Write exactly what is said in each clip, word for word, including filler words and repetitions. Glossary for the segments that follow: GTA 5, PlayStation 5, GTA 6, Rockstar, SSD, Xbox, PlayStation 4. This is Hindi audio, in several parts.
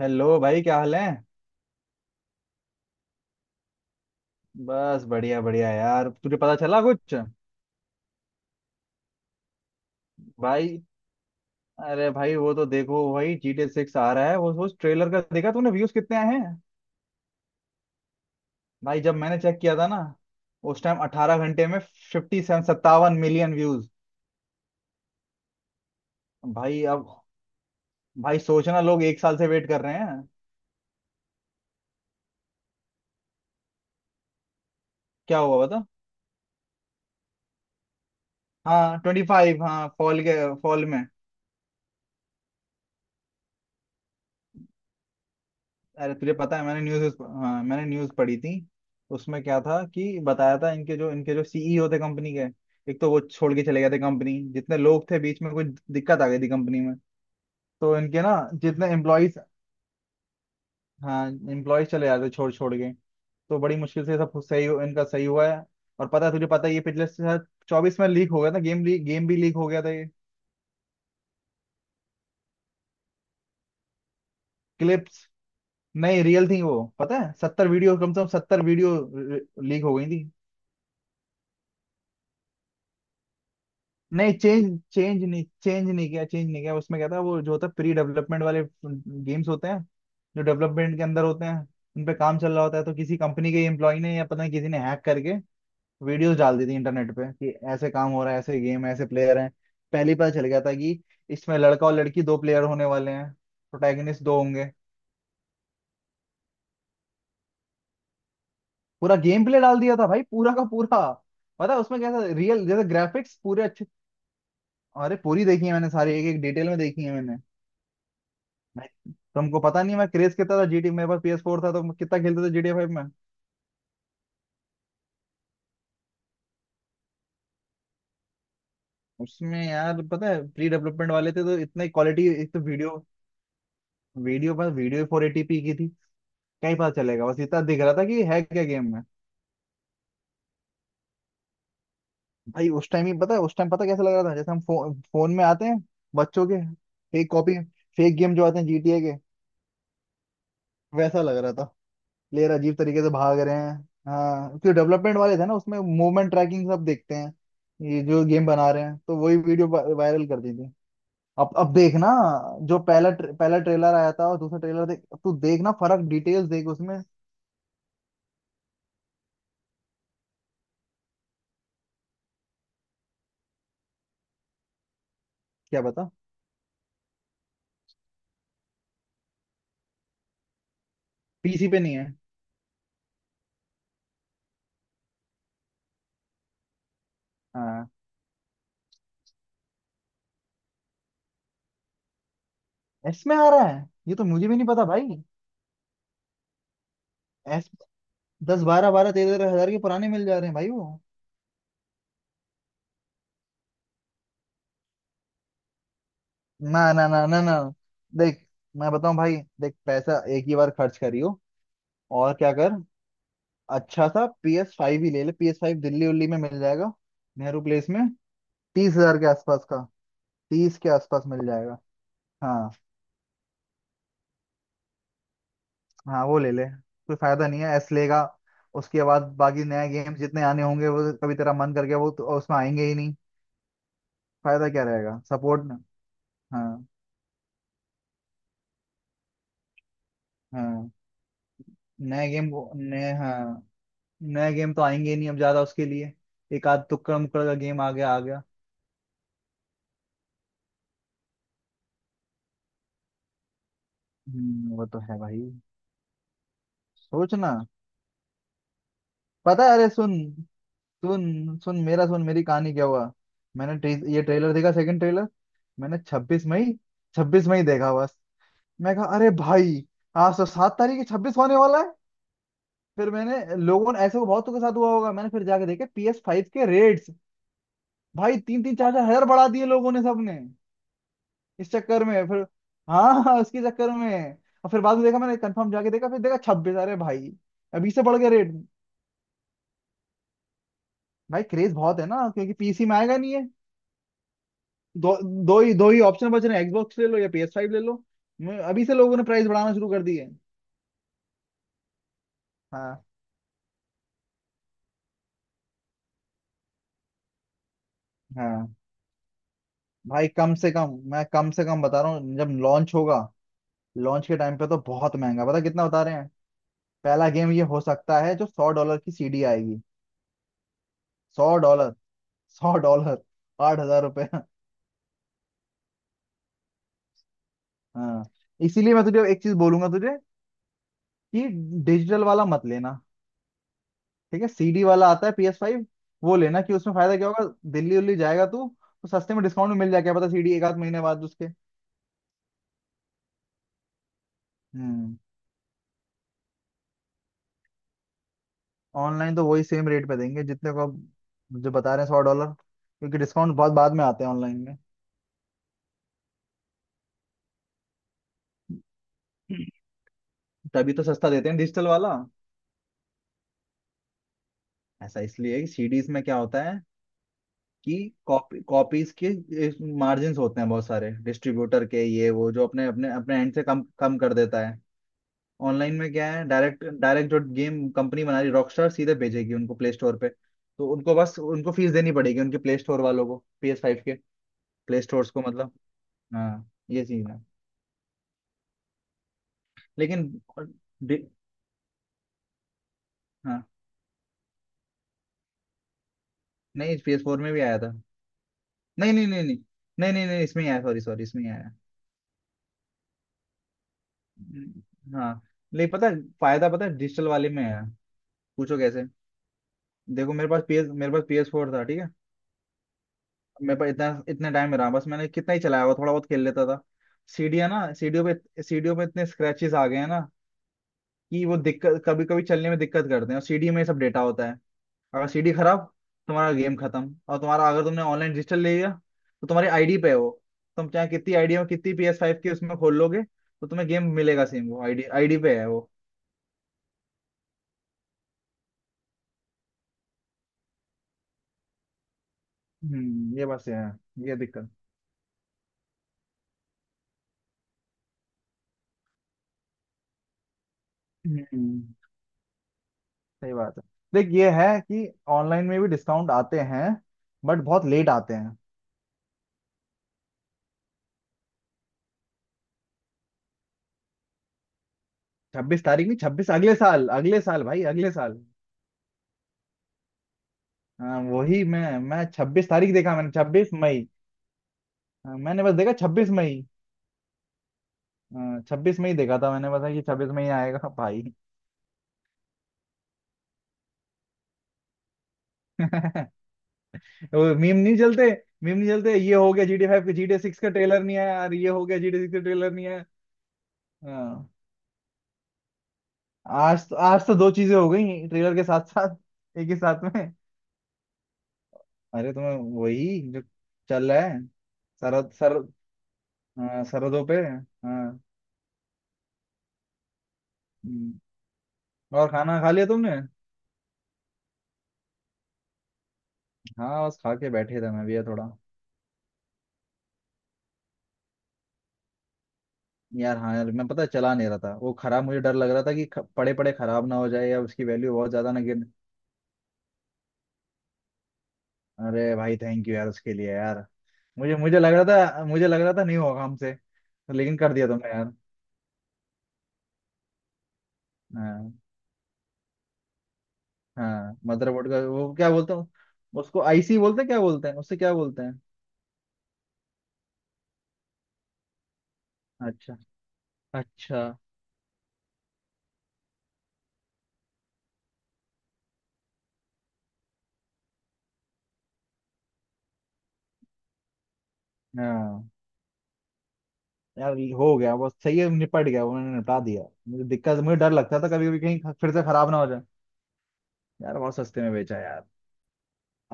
हेलो भाई, क्या हाल है। बस बढ़िया बढ़िया यार, तुझे पता चला कुछ? भाई, अरे भाई, वो तो देखो भाई, जी टी सिक्स आ रहा है। वो उस ट्रेलर का देखा तूने, व्यूज कितने आए हैं? भाई जब मैंने चेक किया था ना, उस टाइम अठारह घंटे में फिफ्टी सेवन सत्तावन मिलियन व्यूज। भाई अब, भाई सोचना, लोग एक साल से वेट कर रहे हैं। क्या हुआ बता? हाँ, ट्वेंटी फाइव, हाँ, फॉल के फॉल में। अरे तुझे पता है, मैंने न्यूज, हाँ मैंने न्यूज पढ़ी थी। उसमें क्या था कि बताया था, इनके जो इनके जो सीईओ थे कंपनी के, एक तो वो छोड़ के चले गए थे। कंपनी जितने लोग थे, बीच में कुछ दिक्कत आ गई थी कंपनी में। तो इनके ना, जितने एम्प्लॉयज, हाँ एम्प्लॉयज चले जाते छोड़ छोड़ के, तो बड़ी मुश्किल से सब सही हो- इनका सही हुआ है। और पता है, तुझे पता है, ये पिछले शायद चौबीस में लीक हो गया था, गेम लीक, गेम भी लीक हो गया था ये। क्लिप्स, नहीं रियल थी वो, पता है सत्तर वीडियो, कम से कम सत्तर वीडियो लीक हो गई थी। नहीं चेंज, चेंज नहीं, चेंज नहीं किया, चेंज नहीं किया। उसमें क्या था, वो जो होता है प्री डेवलपमेंट वाले गेम्स होते हैं, जो डेवलपमेंट के अंदर होते हैं, उन पे काम चल रहा होता है, तो किसी कंपनी के एम्प्लॉय ने, या पता नहीं किसी ने, हैक करके वीडियोस डाल दी थी इंटरनेट पे कि ऐसे काम हो रहा है, ऐसे गेम है, ऐसे प्लेयर हैं। पहले ही पता चल गया था कि इसमें लड़का और लड़की, दो प्लेयर होने वाले हैं। प्रोटैगनिस्ट दो होंगे। पूरा गेम प्ले डाल दिया था भाई, पूरा का पूरा। पता है उसमें कैसा रियल जैसे ग्राफिक्स, पूरे अच्छे। अरे पूरी देखी है मैंने सारी, एक एक डिटेल में देखी है मैंने। नहीं, तुमको पता नहीं मैं क्रेज कितना था। जीटी मेरे पास पीएस फोर था, तो मैं कितना खेलते थे जीटी फाइव में। उसमें यार पता है प्री डेवलपमेंट वाले थे, तो इतना क्वालिटी, एक तो वीडियो, वीडियो पर वीडियो फोर एटी पी की थी। क्या ही पता चलेगा, बस इतना दिख रहा था कि है क्या गेम में। भाई उस टाइम ही पता है, उस टाइम पता कैसा लग रहा था, जैसे हम फो, फोन में आते हैं बच्चों के, फेक कॉपी, फेक गेम जो आते हैं जीटीए के, वैसा लग रहा था। प्लेयर अजीब तरीके से भाग रहे हैं। हाँ, क्योंकि डेवलपमेंट वाले थे ना, उसमें मूवमेंट ट्रैकिंग सब देखते हैं ये जो गेम बना रहे हैं, तो वही वीडियो वायरल कर दी थी। अब अब देखना, जो पहला ट्रे, पहला ट्रेलर आया था, और दूसरा ट्रेलर, देख अब तू देखना फर्क, डिटेल्स देख उसमें। क्या बता? पीसी पे नहीं है। हाँ, एस में आ रहा है। ये तो मुझे भी नहीं पता भाई, एस। दस, बारह बारह, तेरह तेरह हजार के पुराने मिल जा रहे हैं भाई वो। ना, ना, ना, ना, ना। देख मैं बताऊं भाई, देख पैसा एक ही बार खर्च करियो, और क्या कर। अच्छा सा पी एस फाइव ही ले ले। पी एस फाइव दिल्ली उल्ली में मिल जाएगा, नेहरू प्लेस में। तीस हजार के आसपास का, तीस के आसपास मिल जाएगा, हाँ। हाँ, वो ले ले, कोई फायदा नहीं है एस लेगा। उसके बाद बाकी नए गेम जितने आने होंगे वो, कभी तेरा मन कर गया, वो तो उसमें आएंगे ही नहीं। फायदा क्या रहेगा, सपोर्ट। हाँ, हाँ। नए गेम, नए, हाँ, नए गेम तो आएंगे ही नहीं अब ज्यादा उसके लिए, एक आध तुक्कड़ मुक्कड़ का गेम आ गया आ गया। हम्म, वो तो है भाई। सोचना, पता है, अरे सुन, सुन सुन, मेरा सुन, मेरी कहानी क्या हुआ। मैंने ट्रे, ये ट्रेलर देखा, सेकंड ट्रेलर। मैंने छब्बीस मई, छब्बीस मई देखा बस। मैं कहा अरे भाई, आज तो सात तारीख है, छब्बीस होने वाला है। फिर मैंने, लोगों ने ऐसे बहुत के साथ हुआ होगा, मैंने फिर जाके देखे पी एस फाइव के रेट्स। भाई तीन तीन, चार चार हजार बढ़ा दिए लोगों ने, सबने। इस चक्कर में फिर, हाँ हाँ, उसके चक्कर में। और फिर बाद में देखा मैंने, कंफर्म जाके देखा, फिर देखा छब्बीस, अरे भाई अभी से बढ़ गया रेट। भाई क्रेज बहुत है ना, क्योंकि पीसी में आएगा नहीं है। दो दो ही दो ही ऑप्शन बच रहे हैं, एक्सबॉक्स ले लो या पी एस फाइव ले लो। मैं- अभी से लोगों ने प्राइस बढ़ाना शुरू कर दिए। हाँ, हाँ। भाई कम से कम, मैं कम से कम बता रहा हूँ, जब लॉन्च होगा, लॉन्च के टाइम पे तो बहुत महंगा, पता कितना बता रहे हैं। पहला गेम ये हो सकता है जो सौ डॉलर की सीडी आएगी, सौ डॉलर, सौ डॉलर, आठ हजार रुपये। हाँ, इसीलिए मैं तुझे एक चीज बोलूंगा, तुझे, कि डिजिटल वाला मत लेना। ठीक है, सीडी वाला आता है पीएस फाइव, वो लेना। कि उसमें फायदा क्या होगा, दिल्ली उल्ली जाएगा तू, तो सस्ते में, डिस्काउंट में मिल जाएगा, क्या पता सीडी, एक आध महीने बाद उसके। हम्म। ऑनलाइन तो वही सेम रेट पे देंगे, जितने को आप, जो बता रहे हैं, सौ डॉलर, क्योंकि डिस्काउंट बहुत बाद में आते हैं ऑनलाइन में। तभी तो सस्ता देते हैं डिजिटल वाला। ऐसा इसलिए है कि सीडीज में क्या होता है, कि कॉपी कॉपीज के मार्जिन होते हैं। बहुत सारे डिस्ट्रीब्यूटर के ये वो, जो अपने अपने अपने एंड से कम कम कर देता है। ऑनलाइन में क्या है, डायरेक्ट डायरेक्ट जो गेम कंपनी बना रही रॉकस्टार, सीधे भेजेगी उनको प्ले स्टोर पे। तो उनको बस उनको फीस देनी पड़ेगी, उनके प्ले स्टोर वालों को, पी एस फाइव के प्ले स्टोर्स को, मतलब। हाँ, ये चीज। लेकिन डि- हाँ, नहीं, पी एस फोर में भी आया था। नहीं, नहीं, नहीं, नहीं, नहीं, नहीं, नहीं, इसमें ही आया, सॉरी सॉरी, इसमें ही आया। हम्म, हाँ। लेकिन पता है, फायदा पता है डिजिटल वाले में है। पूछो कैसे? देखो मेरे पास पीएस मेरे पास पीएस फोर था, ठीक है। मेरे पास इतना इतने टाइम में रहा, बस मैंने कितना ही चलाया हुआ, थोड़ा बहुत खेल लेता था। सीढ़ियाँ ना सीढ़ियों पे सीढ़ियों पे इतने स्क्रैचेस आ गए हैं ना, कि वो दिक्कत कभी कभी चलने में दिक्कत करते हैं, और सीढ़ी में सब डेटा होता है। अगर सीडी खराब, तुम्हारा गेम खत्म। और तुम्हारा, अगर तुमने ऑनलाइन डिजिटल ले लिया, तो तुम्हारी आईडी पे है वो। तुम चाहे कितनी आईडी में, कितनी पी एस फाइव की उसमें खोल लोगे, तो तुम्हें गेम मिलेगा सेम, वो आईडी, आईडी पे है वो। हम्म, ये बात सही है। ये दिक्कत। हम्म, सही बात है। देख ये है कि ऑनलाइन में भी डिस्काउंट आते हैं, बट बहुत लेट आते हैं। छब्बीस तारीख नहीं, छब्बीस अगले साल, अगले साल भाई, अगले साल। हाँ, वही, मैं मैं छब्बीस तारीख देखा, मैंने छब्बीस मई। हाँ, मैंने बस देखा छब्बीस मई। हाँ, छब्बीस में ही देखा था मैंने, पता कि छब्बीस में ही आएगा भाई। वो मीम नहीं चलते, मीम नहीं चलते, ये हो गया G T A फाइव के, G T A सिक्स का ट्रेलर नहीं आया यार, ये हो गया G T A सिक्स का ट्रेलर नहीं आया। हाँ। आज तो आज तो दो चीजें हो गई ट्रेलर के साथ साथ, एक ही साथ में। अरे तुम्हें, वही जो चल रहा है। सरहद सर हाँ, सरहदों पे, हाँ। हम्म। और खाना खा लिया तुमने? हाँ, बस खा के बैठे थे, मैं भी यार थोड़ा। यार, हाँ यार, मैं पता है चला नहीं रहा था वो, खराब, मुझे डर लग रहा था कि ख, पड़े पड़े खराब ना हो जाए, या उसकी वैल्यू बहुत ज्यादा ना गिर। अरे भाई थैंक यू यार उसके लिए यार। मुझे मुझे लग रहा था मुझे लग रहा था नहीं होगा हमसे। तो लेकिन कर दिया तुमने यार। हाँ। हाँ, मदरबोर्ड का वो क्या बोलते हैं उसको, आईसी बोलते हैं, क्या बोलते हैं उससे, क्या बोलते हैं। अच्छा, अच्छा। हाँ यार, ये हो गया बस, सही है, निपट गया, उन्होंने निपटा दिया। मुझे दिक्कत, मुझे डर लगता था कभी कभी कहीं फिर से खराब ना हो जाए। यार बहुत सस्ते में बेचा यार।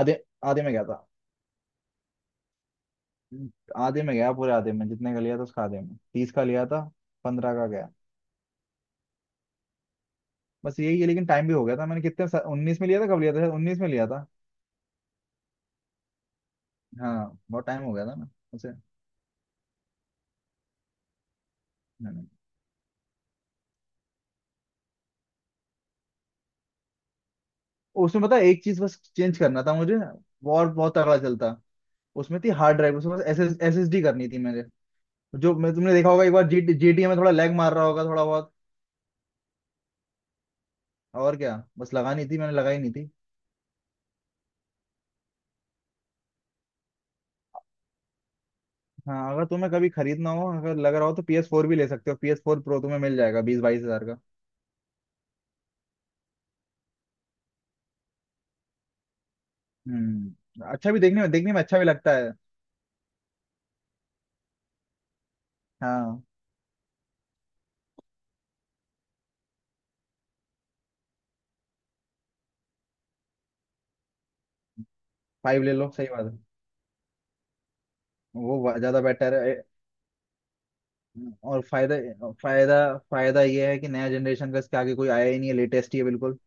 आधे आधे में गया था, आधे में गया, पूरे आधे में, जितने का लिया था उसका आधे में, तीस का लिया था, पंद्रह का गया। बस यही है। लेकिन टाइम भी हो गया था, मैंने कितने, उन्नीस में लिया था, कब लिया था, शायद उन्नीस में लिया था। हाँ बहुत टाइम हो गया था ना उसे। मैंने। उसमें पता है, एक चीज बस चेंज करना था मुझे, और बहुत तगड़ा चलता। उसमें थी हार्ड ड्राइव, उसमें बस एस एस एस डी करनी थी मेरे। जो मैं, तुमने देखा होगा एक बार जी जी में थोड़ा लैग मार रहा होगा थोड़ा बहुत, और क्या, बस लगानी थी मैंने, लगाई नहीं थी। हाँ, अगर तुम्हें कभी खरीदना हो, अगर लग रहा हो, तो पी एस फोर भी ले सकते हो, पी एस फोर Pro तुम्हें मिल जाएगा बीस बाईस हजार का। हम्म, अच्छा भी देखने में, देखने में अच्छा भी लगता है। हाँ, फाइव ले लो, सही बात है। वो ज्यादा बेटर है। और फायदा, फायदा फायदा ये है कि नया जनरेशन का इसके आगे कोई आया ही नहीं है, लेटेस्ट ही है बिल्कुल।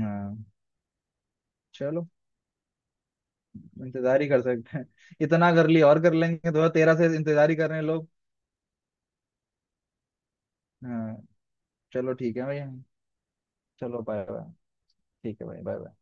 हाँ, चलो, इंतजार ही कर सकते हैं। इतना कर लिया और कर लेंगे, दो हजार तेरह से इंतजार ही कर रहे हैं लोग। हाँ, चलो ठीक है भैया। चलो बाय बाय। ठीक है भाई, बाय बाय।